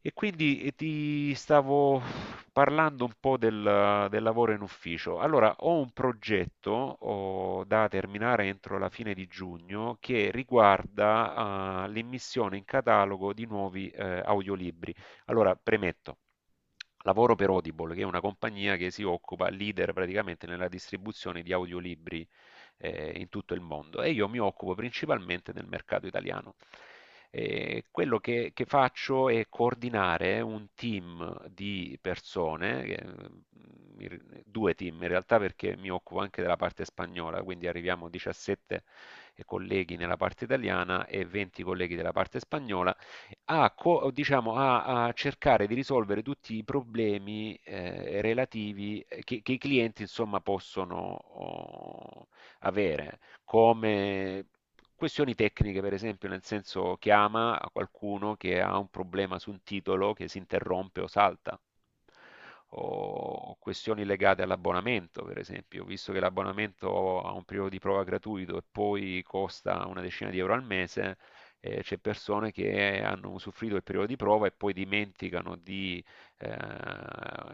E quindi ti stavo parlando un po' del lavoro in ufficio. Allora, ho un progetto, da terminare entro la fine di giugno, che riguarda l'immissione in catalogo di nuovi audiolibri. Allora, premetto. Lavoro per Audible, che è una compagnia che si occupa, leader praticamente nella distribuzione di audiolibri in tutto il mondo, e io mi occupo principalmente del mercato italiano. Quello che faccio è coordinare un team di persone, due team in realtà, perché mi occupo anche della parte spagnola, quindi arriviamo a 17 colleghi nella parte italiana e 20 colleghi della parte spagnola, diciamo, a cercare di risolvere tutti i problemi relativi che i clienti, insomma, possono avere, come questioni tecniche, per esempio, nel senso chiama a qualcuno che ha un problema su un titolo che si interrompe o salta, o questioni legate all'abbonamento, per esempio, visto che l'abbonamento ha un periodo di prova gratuito e poi costa una decina di euro al mese. Eh, c'è persone che hanno usufruito del periodo di prova e poi dimenticano di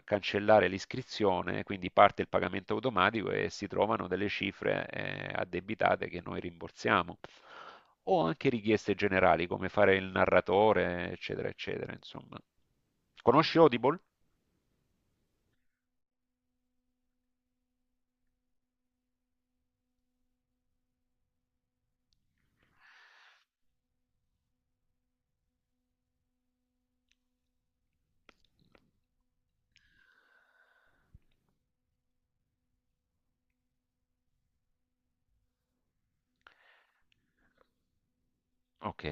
cancellare l'iscrizione, quindi parte il pagamento automatico e si trovano delle cifre addebitate che noi rimborsiamo. O anche richieste generali, come fare il narratore, eccetera, eccetera, insomma. Conosci Audible? Ok,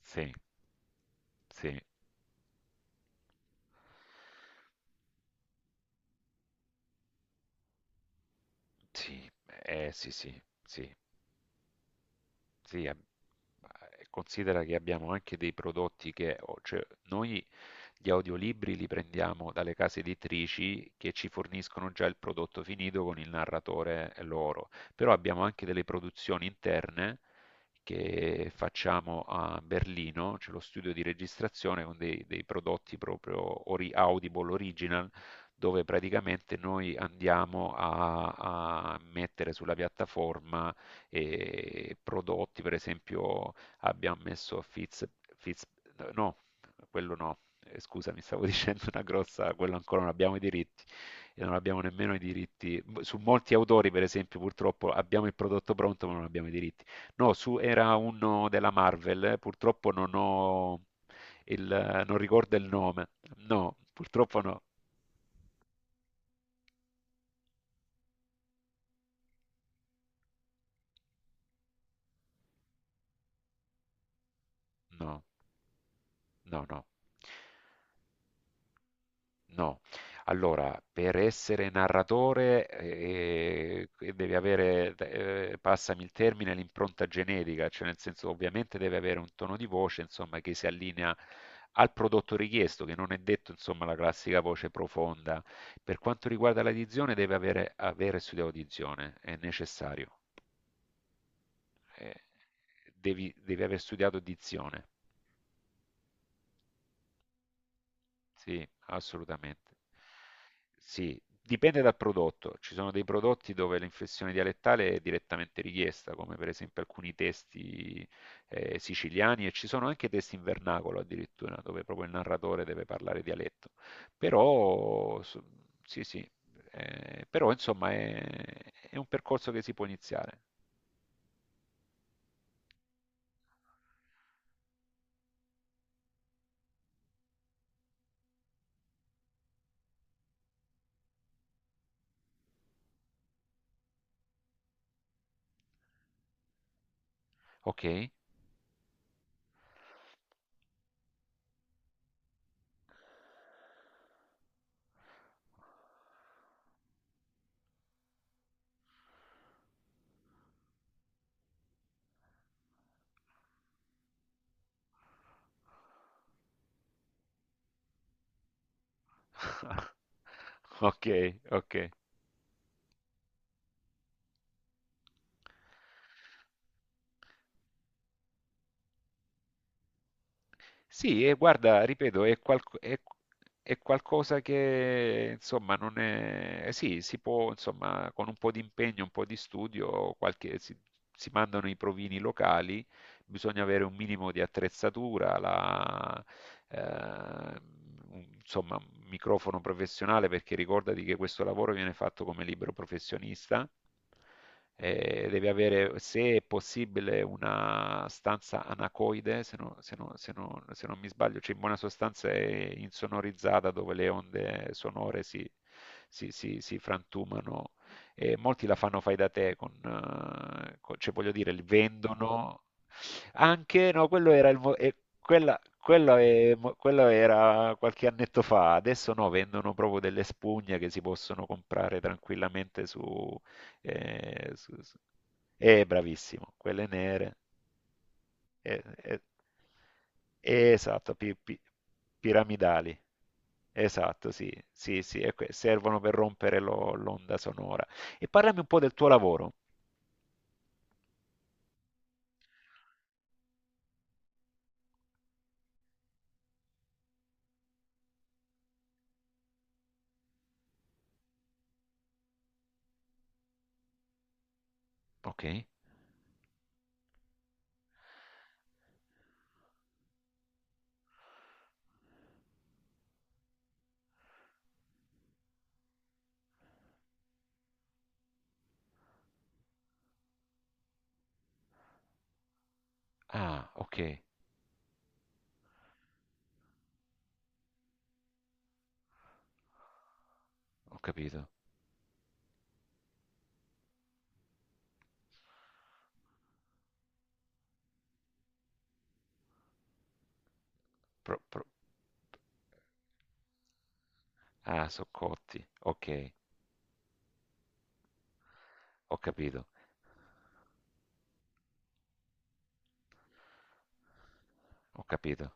sì, sì, sì, sì, sì, sì. Sì, considera che abbiamo anche dei prodotti che, cioè, noi gli audiolibri li prendiamo dalle case editrici che ci forniscono già il prodotto finito con il narratore loro, però abbiamo anche delle produzioni interne che facciamo a Berlino. C'è lo studio di registrazione con dei prodotti proprio Audible Original, dove praticamente noi andiamo a mettere sulla piattaforma e prodotti. Per esempio, abbiamo messo Fitz, Fitz no, quello no, scusa, mi stavo dicendo una grossa, quello ancora non abbiamo i diritti, e non abbiamo nemmeno i diritti su molti autori. Per esempio, purtroppo abbiamo il prodotto pronto, ma non abbiamo i diritti. No, su era uno della Marvel, purtroppo non ho non ricordo il nome. No, purtroppo no, no, no, no. No, allora, per essere narratore devi avere, passami il termine, l'impronta genetica, cioè nel senso ovviamente deve avere un tono di voce, insomma, che si allinea al prodotto richiesto, che non è detto, insomma, la classica voce profonda. Per quanto riguarda l'addizione deve avere studiato dizione, è necessario. Eh, devi aver studiato dizione. Sì, assolutamente. Sì, dipende dal prodotto. Ci sono dei prodotti dove l'inflessione dialettale è direttamente richiesta, come per esempio alcuni testi siciliani, e ci sono anche testi in vernacolo addirittura, dove proprio il narratore deve parlare dialetto. Però, sì, sì, però, insomma, è un percorso che si può iniziare. Ok? Ok, ok. Sì, e guarda, ripeto, è qualcosa che, insomma, non è. Sì, si può, insomma, con un po' di impegno, un po' di studio, si mandano i provini locali, bisogna avere un minimo di attrezzatura, eh, insomma, un microfono professionale, perché ricordati che questo lavoro viene fatto come libero professionista. Devi avere, se è possibile, una stanza anacoide, se non mi sbaglio, cioè in buona sostanza è insonorizzata, dove le onde sonore si frantumano, e molti la fanno fai da te, cioè voglio dire, li vendono anche. No, quello era, il, mo- e quella, quello è mo- quello era qualche annetto fa, adesso no, vendono proprio delle spugne che si possono comprare tranquillamente su... eh, su- su- bravissimo, quelle nere. eh, eh, esatto, piramidali. Esatto, sì, sì, sì, e servono per rompere l'onda sonora. E parlami un po' del tuo lavoro. Ok. Ah, ok, ho capito. Pro- pro- Ah, soccotti. Ok, ho capito, ho capito.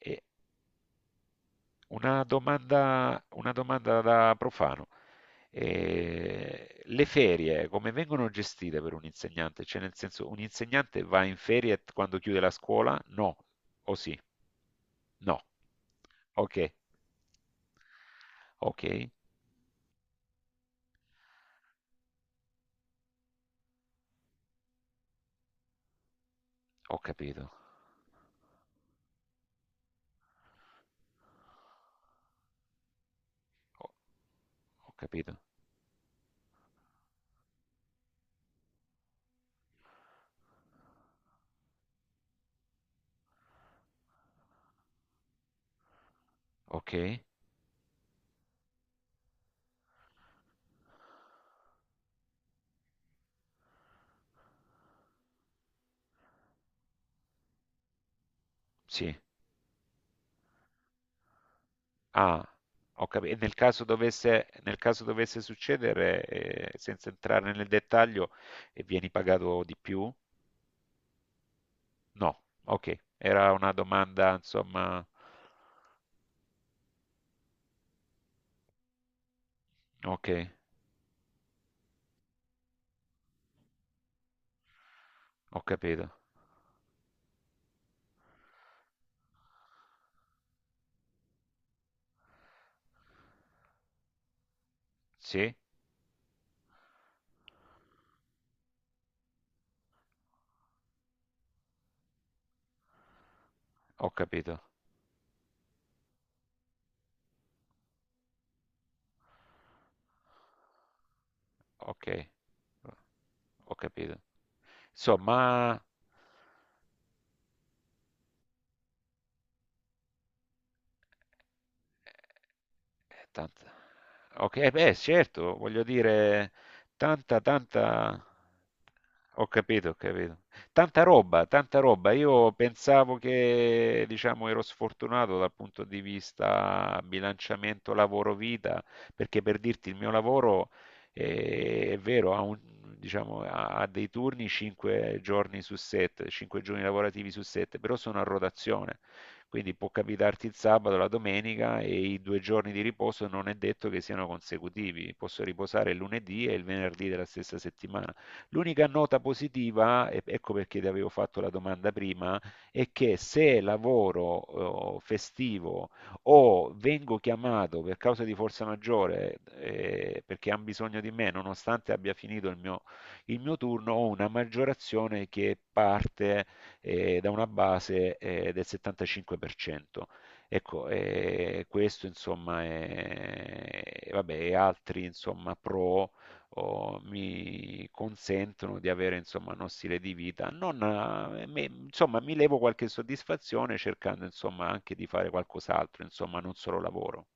E una domanda da profano. Le ferie come vengono gestite per un insegnante? Cioè, nel senso, un insegnante va in ferie quando chiude la scuola? No, o sì? No. Ok, ok, ho capito. Ho, ho capito. Ok, sì. Ah, e nel caso dovesse succedere, senza entrare nel dettaglio, e vieni pagato di più? No, ok, era una domanda, insomma, ok, ho capito. Sì, ho capito, ok, ho capito. Insomma, Eh, tanta- ok, beh, certo, voglio dire, tanta, tanta... Ho capito, ho capito. Tanta roba, tanta roba. Io pensavo che, diciamo, ero sfortunato dal punto di vita bilanciamento lavoro-vita, perché, per dirti, il mio lavoro, è vero, diciamo, ha dei turni 5 giorni su 7, 5 giorni lavorativi su 7, però sono a rotazione. Quindi può capitarti il sabato, la domenica, e i 2 giorni di riposo non è detto che siano consecutivi, posso riposare il lunedì e il venerdì della stessa settimana. L'unica nota positiva, e ecco perché ti avevo fatto la domanda prima, è che se lavoro festivo o vengo chiamato per causa di forza maggiore, perché hanno bisogno di me, nonostante abbia finito il mio turno, ho una maggiorazione che parte da una base del 75%. Ecco, questo, insomma, è, vabbè, e altri, insomma, pro o mi consentono di avere, insomma, uno stile di vita. Non, insomma, mi levo qualche soddisfazione, cercando, insomma, anche di fare qualcos'altro, insomma, non solo lavoro.